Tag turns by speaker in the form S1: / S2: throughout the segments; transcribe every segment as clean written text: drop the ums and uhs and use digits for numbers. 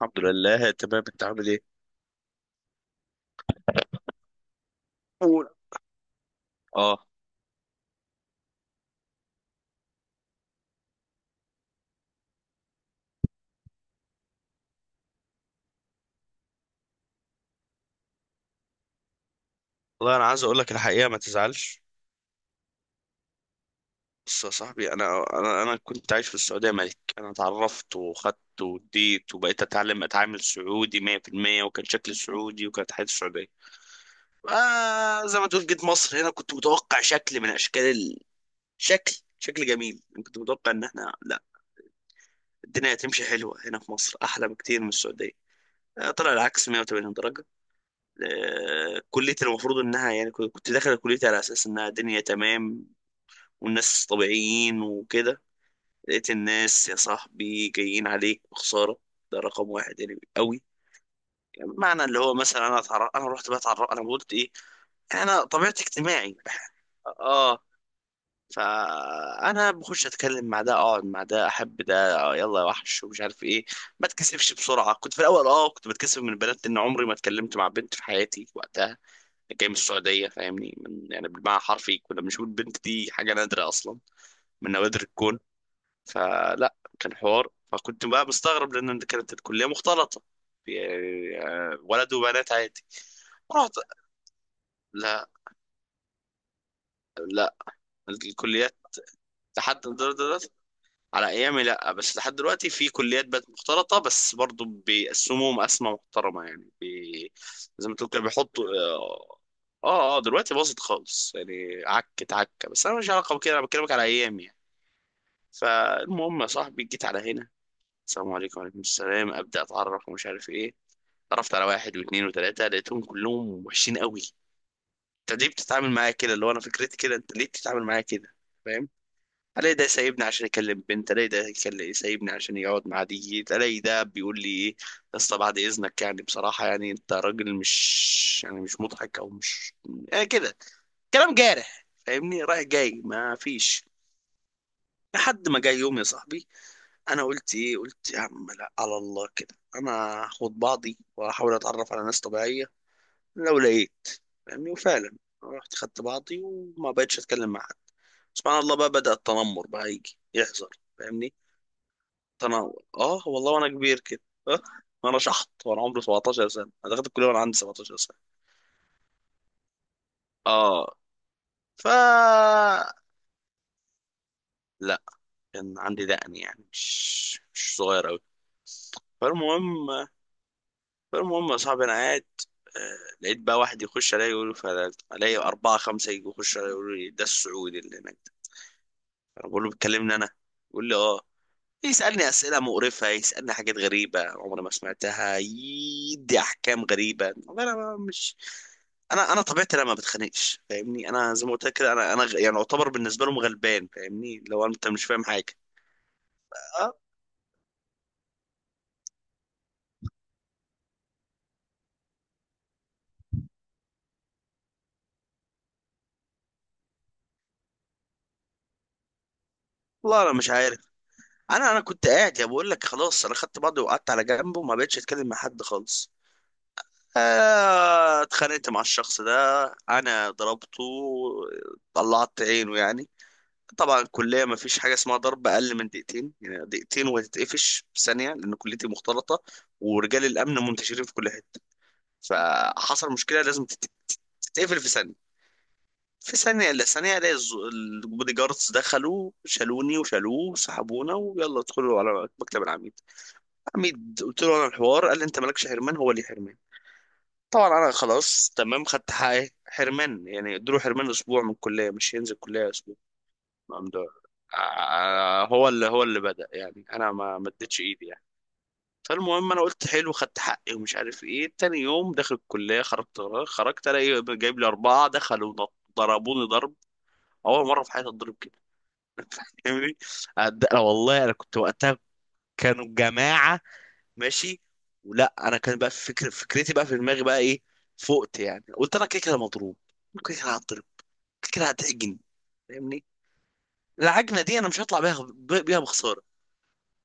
S1: الحمد لله، تمام. انت عامل ايه؟ قول. اه. والله انا عايز اقول لك الحقيقه، ما تزعلش. بص يا صاحبي، انا كنت عايش في السعوديه ملك. انا اتعرفت وخدت واديت وبقيت اتعلم، اتعامل سعودي 100%، وكان شكلي سعودي وكانت حياتي سعوديه. زي ما تقول، جيت مصر. هنا كنت متوقع شكل من اشكال شكل شكل جميل. انا كنت متوقع ان احنا لا الدنيا هتمشي حلوه، هنا في مصر احلى بكتير من السعوديه. طلع العكس 180 درجه. كليتي المفروض انها، يعني كنت داخل كليتي على اساس انها دنيا تمام والناس طبيعيين وكده. لقيت الناس يا صاحبي جايين عليك بخسارة، ده رقم واحد يعني قوي. يعني معنى اللي هو مثلا انا اتعرف، انا رحت بقى اتعرف، انا قلت ايه، انا طبيعتي اجتماعي. اه. فانا بخش اتكلم مع ده، اقعد مع ده، احب ده، يلا يا وحش ومش عارف ايه، ما اتكسفش بسرعه. كنت في الاول كنت بتكسف من البنات، لان عمري ما اتكلمت مع بنت في حياتي وقتها. جاي من السعودية فاهمني، من يعني بالمعنى حرفي كنا بنشوف البنت دي حاجة نادرة أصلا، من نوادر الكون. فلا كان حوار، فكنت بقى مستغرب لأن كانت الكلية مختلطة، يعني ولد وبنات عادي. رحت. لا لا، الكليات. لحد على ايامي لا، بس لحد دلوقتي في كليات بقت مختلطه، بس برضو بيقسموهم قسمه محترمه يعني زي ما تقول كده بيحطوا اه. اه. دلوقتي باظت خالص يعني، عكت عكه، بس انا مش علاقه بكده، انا بكلمك على ايامي يعني. فالمهم يا صاحبي، جيت على هنا. السلام عليكم وعليكم السلام، ابدا اتعرف ومش عارف ايه. اتعرفت على واحد واثنين وثلاثه، لقيتهم كلهم وحشين قوي. انت ليه بتتعامل معايا كده؟ اللي هو انا فكرتي كده، انت ليه بتتعامل معايا كده؟ فاهم. الاقي ده سايبني عشان يكلم بنت، الاقي ده يكلم سايبني عشان يقعد مع دي، الاقي ده بيقول لي ايه، يا اسطى بعد اذنك يعني بصراحه يعني انت راجل، مش يعني مش مضحك او مش، يعني كده، كلام جارح فاهمني، رايح جاي ما فيش. لحد ما جاي يوم يا صاحبي، انا قلت ايه، قلت يا عم لا، على الله كده، انا هاخد بعضي واحاول اتعرف على ناس طبيعيه لو لقيت فاهمني. وفعلا رحت خدت بعضي وما بقتش اتكلم مع حد. سبحان الله، بقى بدأ التنمر بقى يجي يحصل فاهمني. انا اه والله، وانا كبير كده آه، وانا شحط، وانا عمري 17 سنه. انا دخلت الكليه وانا عندي 17 سنه. اه. ف. لا، كان عندي دقن يعني، مش مش صغير قوي. فالمهم فالمهم يا صاحبي، انا قاعد. لقيت بقى واحد يخش عليا يقول لي، الاقي اربعه خمسه يجوا يخشوا عليا يقولوا لي، ده السعودي اللي هناك ده. انا بقول له بتكلمني انا؟ يقول لي اه. يسألني أسئلة مقرفة، يسألني حاجات غريبة عمري ما سمعتها، يدي أحكام غريبة والله. أنا ما- مش، أنا طبيعتي أنا ما بتخانقش فاهمني. أنا زي ما قلت لك كده، يعني أعتبر بالنسبة لهم غلبان فاهمني، لو أنت مش فاهم حاجة. أه. والله أنا مش عارف. أنا كنت قاعد يا بقول لك، خلاص أنا خدت بعضي وقعدت على جنبه وما بقتش أتكلم مع حد خالص. اتخانقت مع الشخص ده، أنا ضربته، طلعت عينه يعني. طبعا الكلية ما فيش حاجة اسمها ضرب أقل من دقيقتين، يعني دقيقتين وهتتقفش في ثانية لأن كليتي مختلطة، ورجال الأمن منتشرين في كل حتة. فحصل مشكلة لازم تتقفل في ثانية، في ثانية إلا ثانية ألاقي البودي جاردز دخلوا شالوني وشالوه وسحبونا، ويلا ادخلوا على مكتب العميد. العميد قلت له أنا الحوار، قال لي أنت مالكش حرمان، هو لي حرمان. طبعا أنا خلاص تمام، خدت حقي حرمان يعني، ادوا له حرمان أسبوع من الكلية، مش هينزل كلية أسبوع. هو اللي، هو اللي بدأ يعني، انا ما اديتش ايدي يعني. فالمهم انا قلت حلو، خدت حقي ومش عارف ايه. تاني يوم داخل الكليه، خرجت خرجت، الاقي جايب لي اربعه، دخلوا ضربوني ضرب. اول مره في حياتي اتضرب كده فاهمني. أنا والله انا كنت وقتها، كانوا جماعه ماشي، ولا انا كان بقى فكر فكرتي بقى في دماغي بقى ايه، فقت يعني، قلت انا كده كده مضروب، كده كده هتضرب، كده كده هتعجن فاهمني. العجنه دي انا مش هطلع بيها بيها بخساره.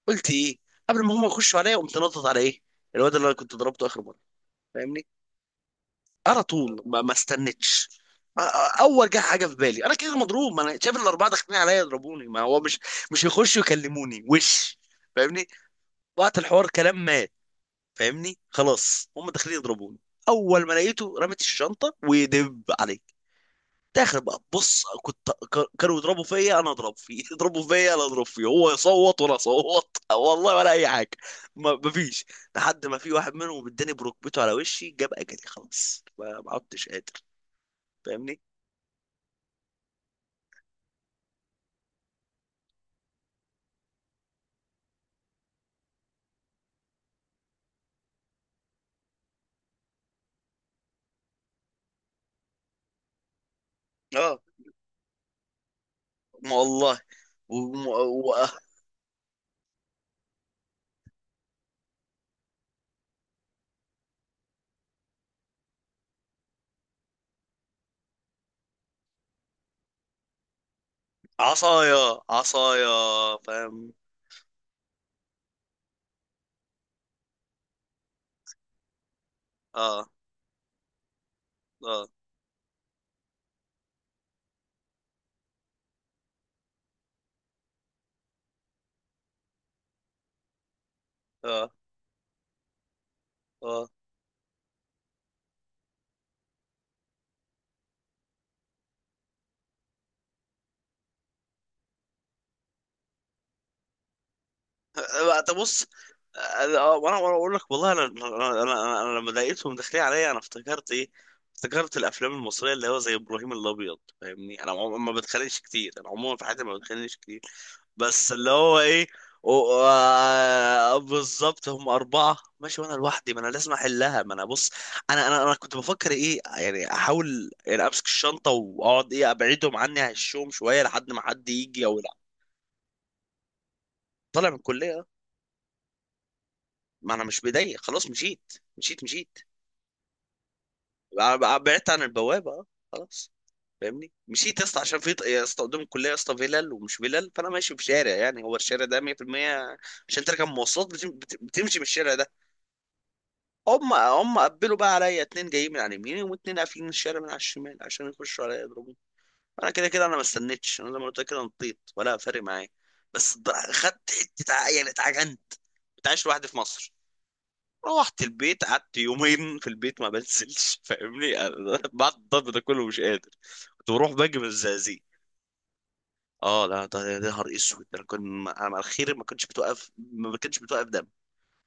S1: قلت ايه، قبل ما هم يخشوا عليا، قمت نطط على ايه، الواد اللي انا كنت ضربته اخر مره فاهمني. على طول، ما استنتش. اول جه حاجه في بالي، انا كده مضروب، ما انا شايف الاربعه داخلين عليا يضربوني، ما هو مش، مش يخشوا يكلموني وش فاهمني، وقت الحوار كلام مات فاهمني، خلاص هم داخلين يضربوني. اول ما لقيته رمت الشنطه ودب عليا، داخل بقى، بص كنت كانوا يضربوا فيا انا اضرب فيه يضربوا فيا انا اضرب فيه، هو يصوت وانا اصوت والله ولا اي حاجه. ما مفيش، لحد ما في واحد منهم اداني بركبته على وشي، جاب اجلي خلاص، ما عدتش قادر فاهمني. اه. ما والله. وم- و... عصايا عصايا. فاهم. اه. اه اه اه. طب بص. وانا، وانا اقول لك والله انا انا انا, أنا لما لقيتهم داخلين عليا، انا افتكرت ايه، افتكرت الافلام المصريه اللي هو زي ابراهيم الابيض فاهمني. ما بتخانقش كتير، انا عموما في حياتي ما بتخانقش كتير. بس اللي هو ايه، بالظبط هم أربعة ماشي وأنا لوحدي، ما أنا لازم أحلها، ما أنا بص، أنا كنت بفكر إيه يعني، أحاول يعني أمسك الشنطة وأقعد إيه، أبعدهم عني، أهشهم شوية لحد ما حد يجي أو لا. طالع من الكلية. ما انا مش مضايق خلاص، مشيت مشيت مشيت. بعدت عن البوابه اه، خلاص فاهمني. مشيت يا اسطى عشان في يا اسطى قدام الكليه يا اسطى فيلل ومش فيلل، فانا ماشي في شارع، يعني هو الشارع ده 100% عشان تركب مواصلات، بتمشي من الشارع ده. هم هم قبلوا بقى عليا، اتنين جايين من على اليمين واتنين قافلين الشارع من على الشمال عشان يخشوا عليا يضربوني. انا كده كده، انا ما استنيتش، انا زي ما قلت لك كده، نطيت ولا فارق معايا. بس خدت حته يعني اتعجنت. ما بتعيش لوحدي في مصر. روحت البيت، قعدت يومين في البيت ما بنزلش فاهمني بعد الضرب ده كله مش قادر. كنت بروح باجي من الزقازيق. اه لا، ده ده نهار اسود ده، انا كنت انا على الخير ما كنتش بتوقف، ما كنتش بتوقف دم،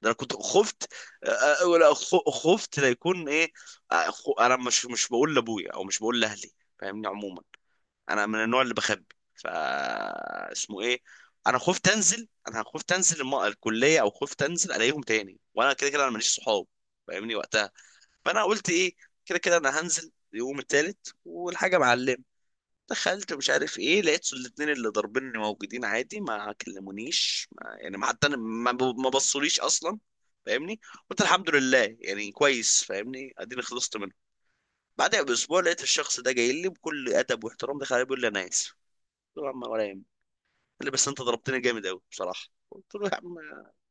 S1: ده انا كنت خفت. ولا خفت لا يكون ايه. انا مش مش بقول لابويا او مش بقول لاهلي فاهمني، عموما انا من النوع اللي بخبي. ف، اسمه ايه، انا خفت انزل، انا خفت انزل الكليه، او خفت انزل الاقيهم تاني، وانا كده كده انا ماليش صحاب فاهمني وقتها. فانا قلت ايه، كده كده انا هنزل يوم التالت والحاجه معلمه. دخلت مش عارف ايه، لقيت الاتنين اللي ضاربيني موجودين عادي، ما كلمونيش، ما يعني ما حتى ما بصوليش اصلا فاهمني. قلت الحمد لله يعني، كويس فاهمني، اديني خلصت منه. بعدها باسبوع، لقيت الشخص ده جاي لي بكل ادب واحترام، دخل علي بيقول لي انا اسف. قلت له يا عم ولا يهمك. قال لي بس انت ضربتني جامد قوي بصراحه. قلت له يا عم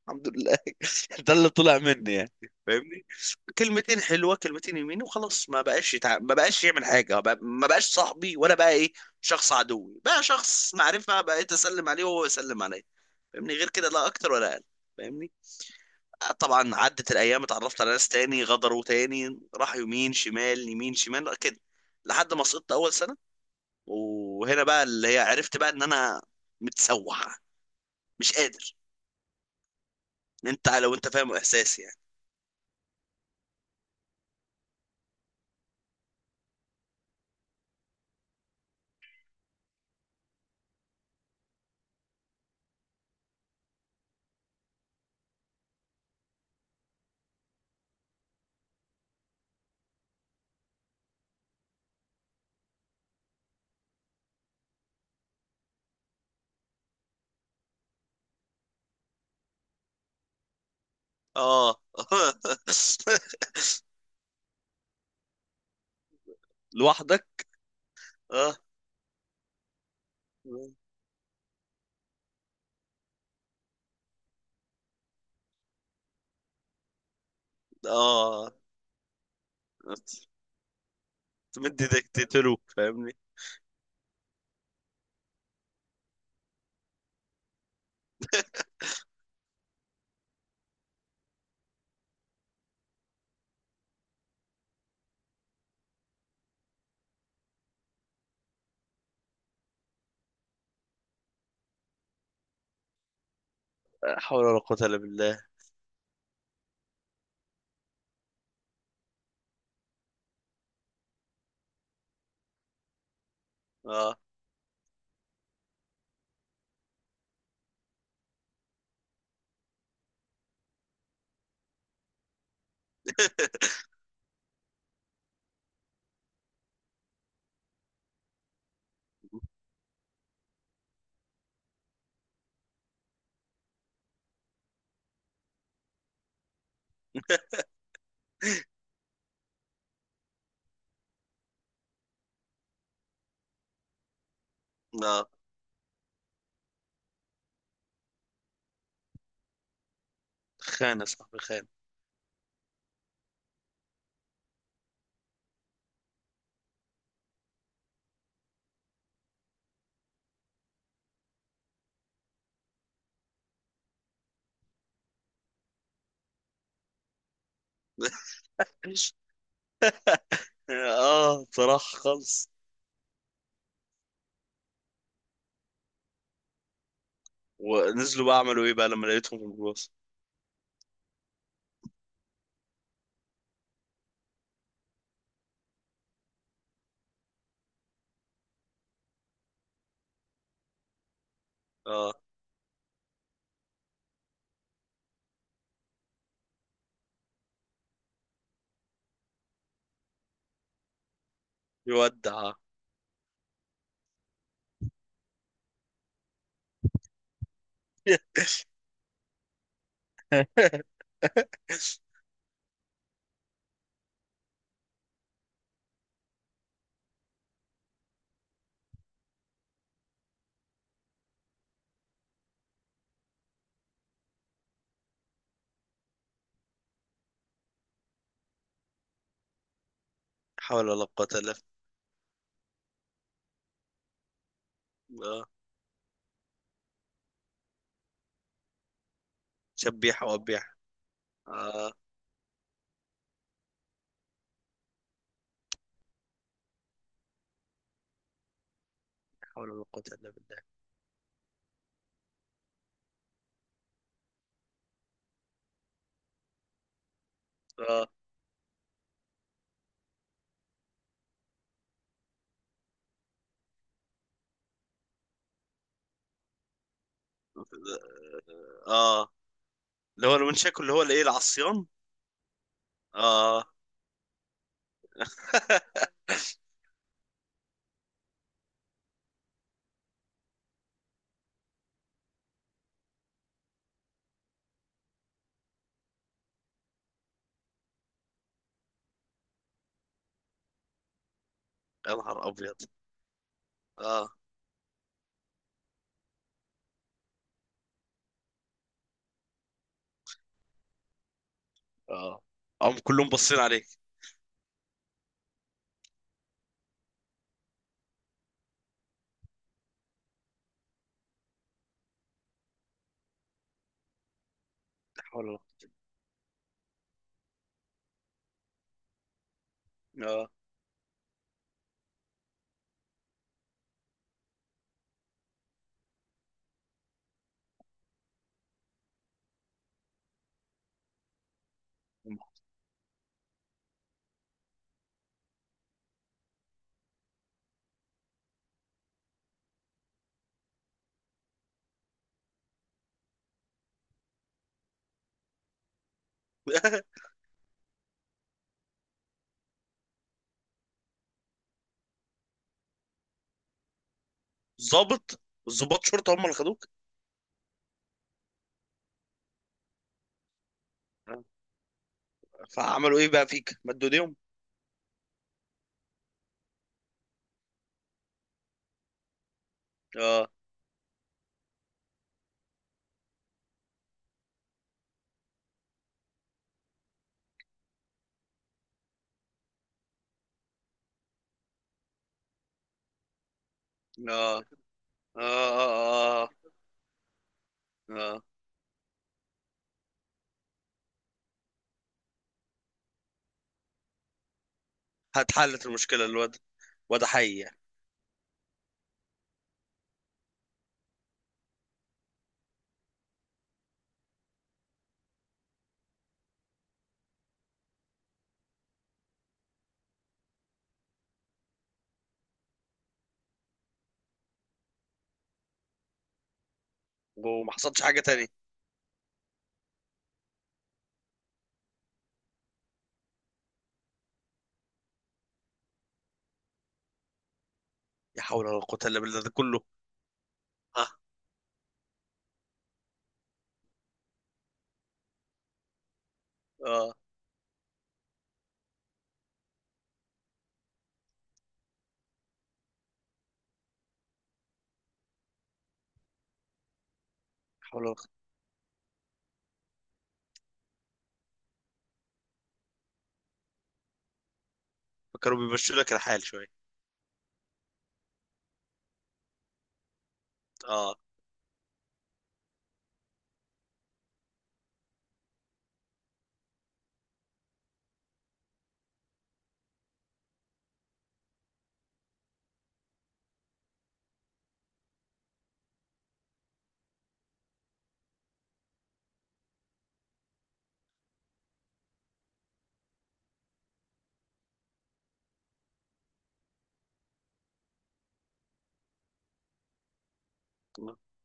S1: الحمد لله ده اللي طلع مني يعني فاهمني. كلمتين حلوه كلمتين يمين، وخلاص. ما بقاش يتع...، ما بقاش يعمل حاجه بقى...، ما بقاش صاحبي ولا بقى ايه، شخص عدوي بقى شخص معرفه، بقيت اسلم عليه وهو يسلم عليا فاهمني، غير كده لا اكتر ولا اقل فاهمني. طبعا عدت الايام، اتعرفت على ناس تاني، غدروا تاني، راح يمين شمال يمين شمال كده، لحد ما سقطت اول سنه. وهنا بقى اللي هي، عرفت بقى ان انا متسوح، مش قادر، ان انت لو انت فاهم احساسي يعني. اه لوحدك. اه. اه، تمد ايدك تقتله فاهمني. لا حول ولا قوة الا بالله. اه اه. خانة صاحبي خانة. اه، بصراحة خالص. ونزلوا بقى عملوا ايه بقى لما لقيتهم في الباص؟ اه. يودع. حول ولا قوة الا بالله. اه، شبيح وبيح. اه. حول ولا قوة الا بالله. اه. اه، اللي هو المنشاكو اللي هو الايه، العصيان. اه يا نهار ابيض. اه. اه. هم كلهم باصين عليك. لا حول ولا قوة. اه ظابط، ظباط شرطه هم اللي خدوك؟ آه. فعملوا ايه بقى فيك، مدوا ايديهم؟ اه اه اه اه. اه. اه، هتحلت المشكله الواد؟ واد حي يعني. وما حصلش حاجه تانية؟ يا حول ولا قوه الا بالله ده كله. اه. اه، لا حول ولا قوه. فكانوا بيمشوا لك الحال شويه. اه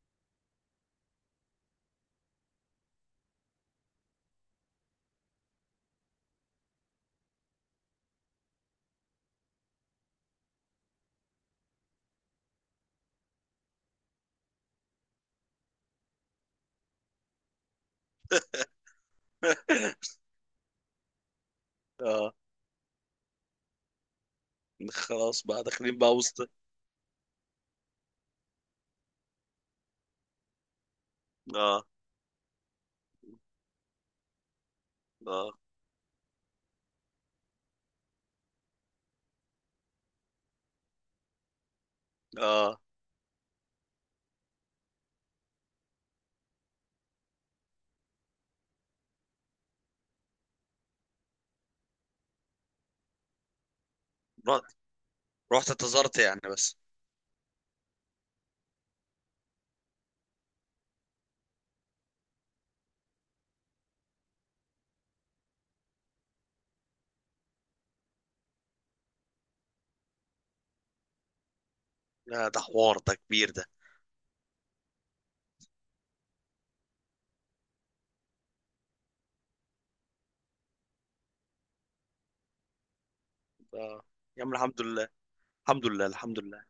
S1: اه. خلاص بقى داخلين بقى وسط. اه. اه. اه. رحت رحت انتظرت يعني بس؟ لا ده حوار ده كبير ده. اه، يا عم الحمد لله. الحمد لله الحمد لله.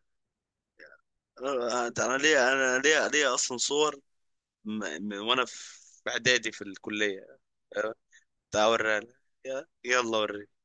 S1: انا أنا ليا، انا ليا اصلا صور، وانا في اعدادي في الكليه. آه، تعال اوريها لك. يلا اوريك.